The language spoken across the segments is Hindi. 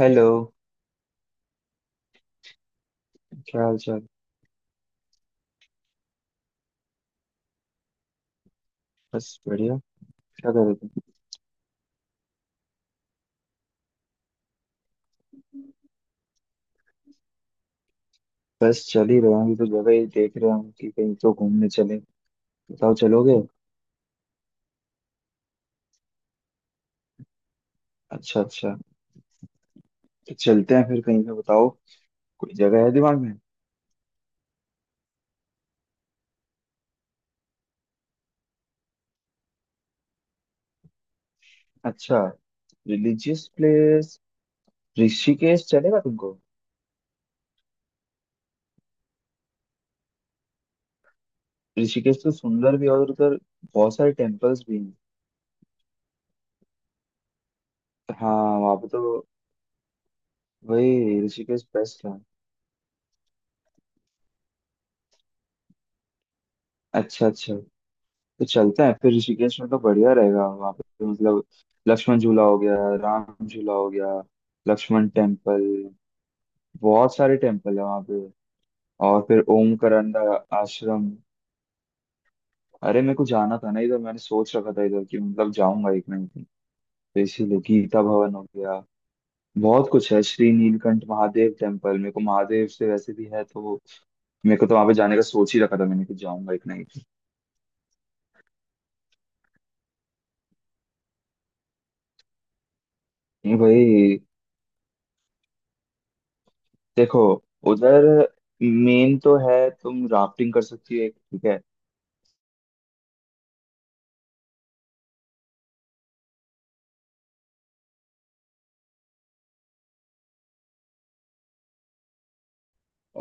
हेलो। क्या हाल चाल? बस बढ़िया। क्या कर रहे थे? बस चल ही रहा हूँ तो जगह ही देख रहा हूँ कि कहीं तो घूमने चले। बताओ, चलोगे? अच्छा, अच्छा। तो चलते हैं फिर कहीं पे, बताओ। कोई जगह है दिमाग में? अच्छा, रिलीजियस प्लेस। ऋषिकेश चलेगा तुमको? ऋषिकेश तो सुंदर भी है और उधर बहुत सारे टेम्पल्स भी हैं। हाँ, वहाँ पे तो वही ऋषिकेश बेस्ट है। अच्छा, अच्छा। तो चलते हैं फिर ऋषिकेश में, तो बढ़िया रहेगा वहाँ पे, तो मतलब लक्ष्मण झूला हो गया, राम झूला हो गया, लक्ष्मण टेम्पल, बहुत सारे टेम्पल है वहाँ पे। और फिर ओमकारांडा आश्रम। अरे, मेरे को जाना था ना इधर, मैंने सोच रखा था इधर कि मतलब जाऊंगा एक ना एक दिन, तो इसीलिए। गीता भवन हो गया, बहुत कुछ है। श्री नीलकंठ महादेव टेम्पल, मेरे को महादेव से वैसे भी है तो मेरे को तो वहां पे जाने का सोच ही रखा था मैंने कि जाऊंगा एक ना एक दिन। नहीं भाई, देखो, उधर मेन तो है, तुम राफ्टिंग कर सकती हो एक, ठीक है।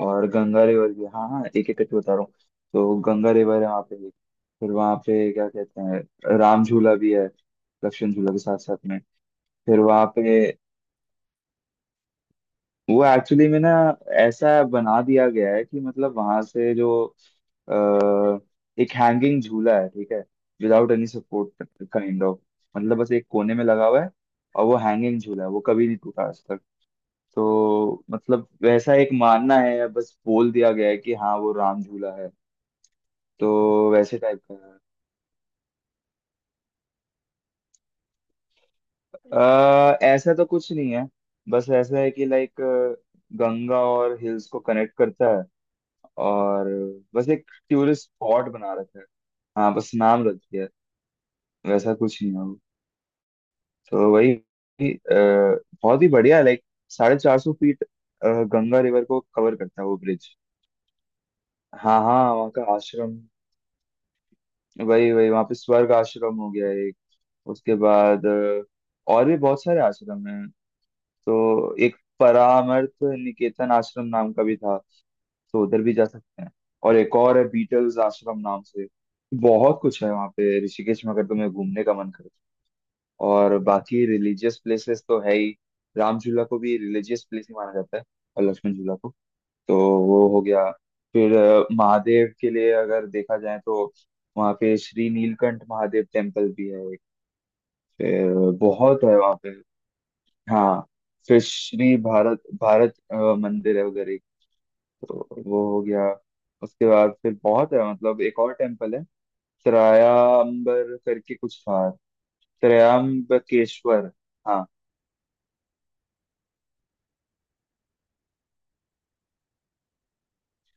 और गंगा रिवर भी, हाँ हाँ, एक एक करके बता रहा हूँ। तो गंगा रिवर है वहाँ पे एक। फिर वहाँ पे क्या कहते हैं, राम झूला भी है लक्ष्मण झूला के साथ साथ में। फिर वहाँ पे वो एक्चुअली में ना ऐसा बना दिया गया है कि मतलब वहाँ से जो अ, एक हैंगिंग झूला है, ठीक है, without any support, kind of. मतलब बस एक कोने में लगा हुआ है और वो हैंगिंग झूला है, वो कभी नहीं टूटा आज तक। तो मतलब वैसा एक मानना है या बस बोल दिया गया है कि हाँ, वो राम झूला है। तो वैसे टाइप का है, ऐसा तो कुछ नहीं है। बस ऐसा है कि लाइक गंगा और हिल्स को कनेक्ट करता है, और बस एक टूरिस्ट स्पॉट बना रखा है। हाँ, बस नाम रख दिया है, वैसा कुछ नहीं है वो। तो वही बहुत ही बढ़िया लाइक 450 फीट गंगा रिवर को कवर करता है वो ब्रिज। हाँ हाँ, वहाँ का आश्रम। वही वही, वहाँ पे स्वर्ग आश्रम हो गया एक। उसके बाद और भी बहुत सारे आश्रम हैं। तो एक परामर्थ निकेतन आश्रम नाम का भी था, तो उधर भी जा सकते हैं। और एक और है बीटल्स आश्रम नाम से। बहुत कुछ है वहाँ पे ऋषिकेश में, अगर तुम्हें घूमने का मन करे। और बाकी रिलीजियस प्लेसेस तो है ही। राम झूला को भी रिलीजियस प्लेस ही माना जाता है और लक्ष्मण झूला को। तो वो हो गया। फिर महादेव के लिए अगर देखा जाए तो वहाँ पे श्री नीलकंठ महादेव टेम्पल भी है एक। फिर बहुत है वहाँ पे। हाँ। फिर श्री भारत भारत अ, मंदिर है उधर एक, तो वो हो गया। उसके बाद फिर बहुत है, मतलब एक और टेम्पल है, त्रयाम्बर करके कुछ था, त्रयाम्बकेश्वर। हाँ।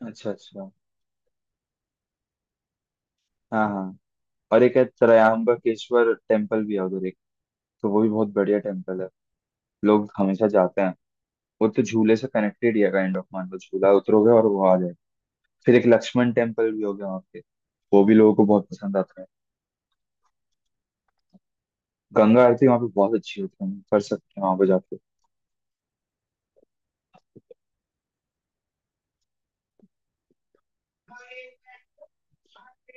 अच्छा, अच्छा। हाँ हाँ। और एक है त्रयाम्बकेश्वर टेम्पल भी है उधर एक, तो वो भी बहुत बढ़िया टेम्पल है, लोग हमेशा जाते हैं। वो तो झूले से कनेक्टेड ही है काइंड ऑफ, मान लो झूला उतरोगे और वो आ जाए। फिर एक लक्ष्मण टेम्पल भी हो गया वहाँ पे, वो भी लोगों को बहुत पसंद आता है। गंगा आरती वहाँ पे बहुत अच्छी होती है, कर सकते हैं वहाँ पे जाके।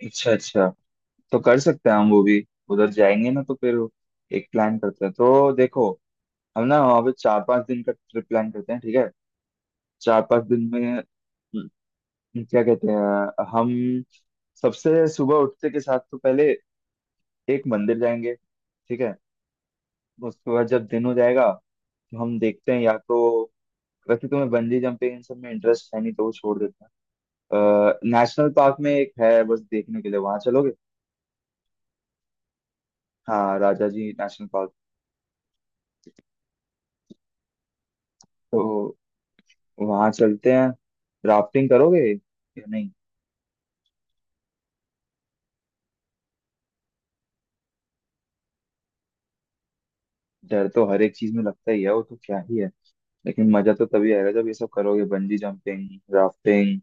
अच्छा, अच्छा। तो कर सकते हैं हम वो भी। उधर जाएंगे ना, तो फिर एक प्लान करते हैं। तो देखो, हम ना वहाँ पे 4-5 दिन का ट्रिप प्लान करते हैं, ठीक है। 4-5 दिन में क्या कहते हैं हम, सबसे सुबह उठते के साथ तो पहले एक मंदिर जाएंगे, ठीक है। उसके बाद जब दिन हो जाएगा तो हम देखते हैं, या तो वैसे तुम्हें बंजी जंपिंग इन सब में इंटरेस्ट है, नहीं तो वो छोड़ देते हैं। नेशनल पार्क में एक है बस देखने के लिए, वहां चलोगे? हाँ, राजा जी नेशनल पार्क, तो वहां चलते हैं। राफ्टिंग करोगे या नहीं? डर तो हर एक चीज में लगता ही है, वो तो क्या ही है, लेकिन मजा तो तभी आएगा जब ये सब करोगे, बंजी जंपिंग, राफ्टिंग,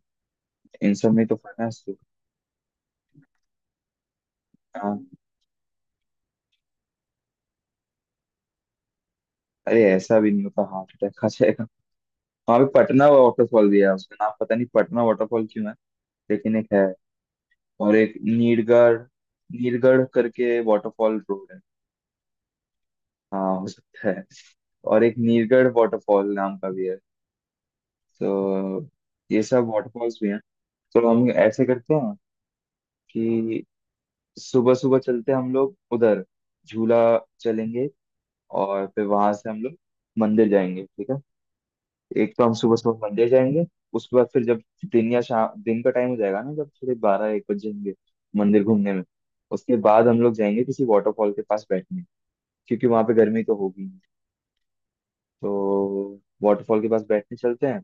इन सब में तो फन है। हाँ, अरे, ऐसा भी नहीं होता हार्ट अटैक आ जाएगा। वहां पे पटना वाटरफॉल भी है, उसका नाम पता नहीं पटना वाटरफॉल क्यों है, लेकिन एक है। और एक नीरगढ़, नीरगढ़ करके वाटरफॉल रोड है। हाँ, हो सकता है। और एक नीरगढ़ वाटरफॉल नाम का भी है, तो ये सब वाटरफॉल्स भी हैं। तो हम ऐसे करते हैं कि सुबह सुबह चलते हैं हम लोग उधर, झूला चलेंगे और फिर वहां से हम लोग मंदिर जाएंगे, ठीक है। एक तो हम सुबह सुबह मंदिर जाएंगे, उसके बाद फिर जब दिन या शाम, दिन का टाइम हो जाएगा ना, जब थोड़े 12-1 बज जाएंगे मंदिर घूमने में, उसके बाद हम लोग जाएंगे किसी वाटरफॉल के पास बैठने, क्योंकि वहां पे गर्मी तो होगी, तो वाटरफॉल के पास बैठने चलते हैं।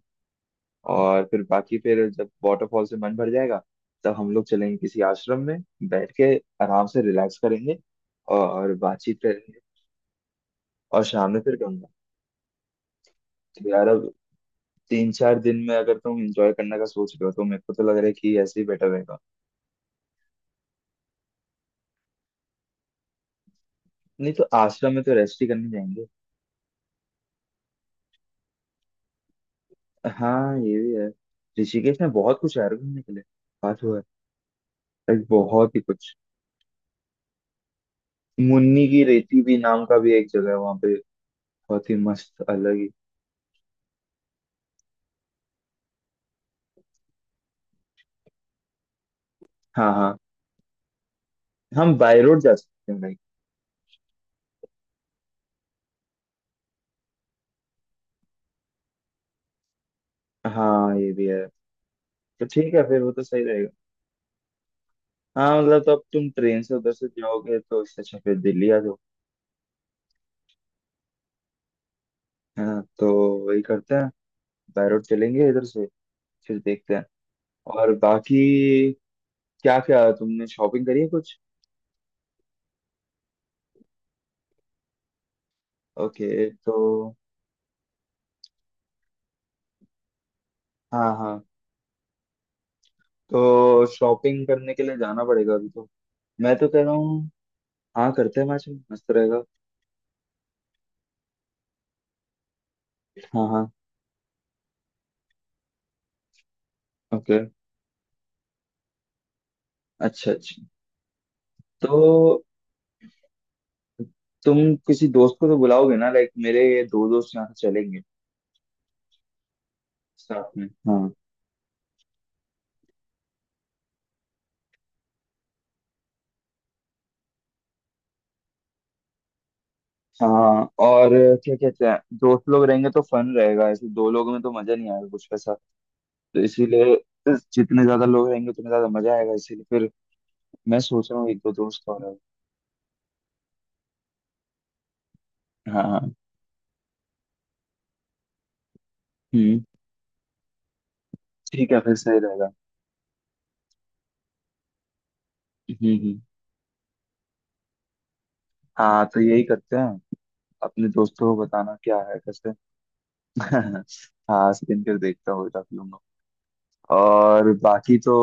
और फिर बाकी फिर जब वाटरफॉल से मन भर जाएगा, तब हम लोग चलेंगे किसी आश्रम में, बैठ के आराम से रिलैक्स करेंगे और बातचीत करेंगे। और शाम में फिर गंगा। तो यार अब 3-4 दिन में अगर तुम एंजॉय करने का सोच रहे हो तो मेरे को तो लग रहा है कि ऐसे ही बेटर रहेगा। नहीं तो आश्रम में तो रेस्ट ही करने जाएंगे। हाँ, ये भी है। ऋषिकेश में बहुत कुछ है यार घूमने के लिए, बात हुआ है लाइक बहुत ही कुछ। मुन्नी की रेती भी नाम का भी एक जगह है वहां पे, बहुत ही मस्त, अलग ही। हाँ हाँ। हम बाय रोड जा सकते हैं भाई। हाँ, ये भी है। तो ठीक है फिर, वो तो सही रहेगा। हाँ, मतलब तो अब तुम ट्रेन से उधर से जाओगे, तो इससे अच्छा फिर दिल्ली आ जाओ, है ना? तो वही करते हैं, बाय रोड चलेंगे इधर से, फिर देखते हैं। और बाकी, क्या क्या तुमने शॉपिंग करी है कुछ? ओके। तो हाँ हाँ, तो शॉपिंग करने के लिए जाना पड़ेगा अभी तो। मैं तो कह रहा हूँ हाँ, करते हैं मैच, मस्त रहेगा। हाँ हाँ। ओके। अच्छा, अच्छा। तो तुम किसी दोस्त को तो बुलाओगे ना, लाइक मेरे दो दोस्त यहाँ से चलेंगे साथ में, हाँ। हाँ, और क्या कहते हैं, दोस्त लोग रहेंगे तो फन रहेगा, ऐसे दो लोगों में तो मजा नहीं आएगा कुछ पैसा। तो इसीलिए जितने ज्यादा लोग रहेंगे उतने ज्यादा मजा आएगा, इसीलिए फिर मैं सोच रहा हूँ एक दो दोस्त और हैं। हाँ हाँ। हम्म। ठीक है फिर, सही रहेगा। हम्म। हाँ, तो यही करते हैं। अपने दोस्तों को बताना क्या है कैसे। हाँ, स्क्रीन पर देखता हूँ। और बाकी तो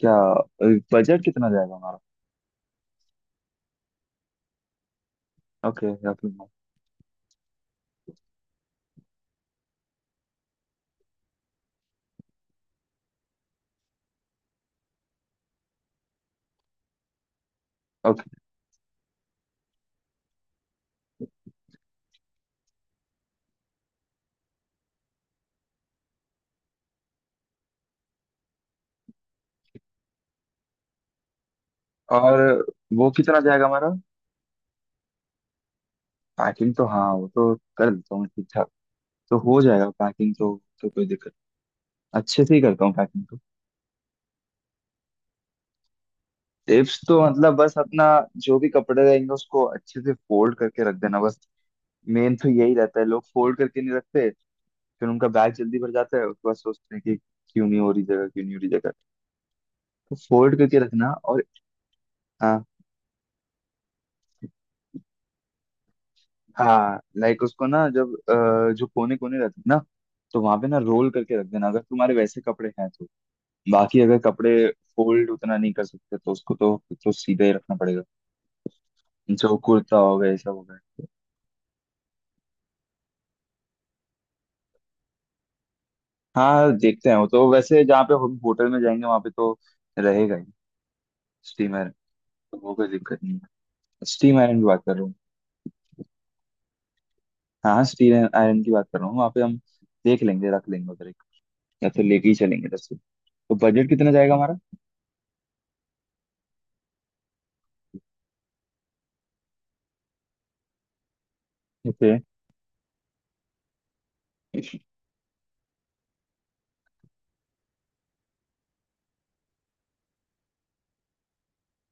क्या, बजट कितना जाएगा हमारा? ओके। ओके। और वो कितना जाएगा हमारा? पैकिंग तो हाँ, वो तो कर देता हूँ ठीक ठाक, तो हो जाएगा पैकिंग तो। तो कोई दिक्कत, अच्छे से ही करता हूँ पैकिंग तो। टिप्स तो मतलब बस अपना जो भी कपड़े रहेंगे उसको अच्छे से फोल्ड करके रख देना बस। मेन तो यही रहता है, लोग फोल्ड करके नहीं रखते, फिर उनका बैग जल्दी भर जाता है, उसके बाद सोचते हैं कि क्यों नहीं हो रही जगह, क्यों नहीं हो रही जगह। तो फोल्ड करके रखना, और हाँ, हाँ, लाइक उसको ना जब जो कोने कोने रहते हैं ना, तो वहां पे ना रोल करके रख देना, अगर तुम्हारे वैसे कपड़े हैं तो। बाकी अगर कपड़े फोल्ड उतना नहीं कर सकते, तो उसको तो सीधा ही रखना पड़ेगा। जो कुर्ता हो गया, ये सब हो गया, हाँ देखते हैं। वो तो वैसे जहाँ पे हम होटल में जाएंगे वहां पे तो रहेगा ही, स्टीम आयरन, वो कोई दिक्कत नहीं है। स्टीम आयरन की बात कर रहा हूँ, हाँ हाँ, स्टीम आयरन की बात कर रहा हूँ। वहाँ पे हम देख लेंगे, रख लेंगे उधर एक, या फिर लेके ही चलेंगे इधर से। तो बजट कितना जाएगा हमारा? ओके।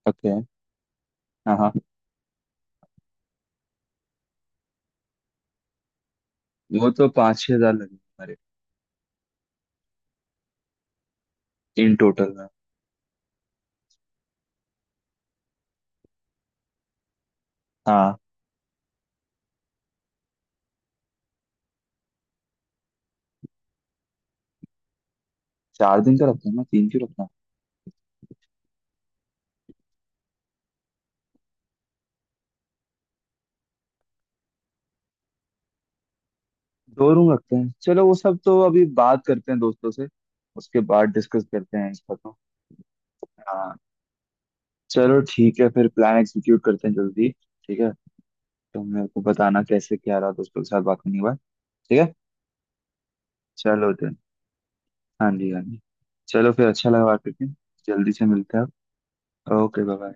ओके। हाँ हाँ, वो तो 5-6 हजार लगे हमारे इन टोटल में। हाँ, 4 दिन का रखते हैं ना, तीन क्यों रखना। दो रूम रखते हैं, चलो वो सब तो अभी बात करते हैं दोस्तों से, उसके बाद डिस्कस करते हैं इसका तो। हाँ। चलो ठीक है फिर, प्लान एग्जीक्यूट करते हैं जल्दी। ठीक है, तो मेरे को बताना कैसे क्या रहा दोस्तों के साथ बात करने के बाद। ठीक है। चलो तो हाँ जी, हाँ जी। चलो फिर, अच्छा लगा बात करके, जल्दी से मिलते हैं। आप। Okay, bye.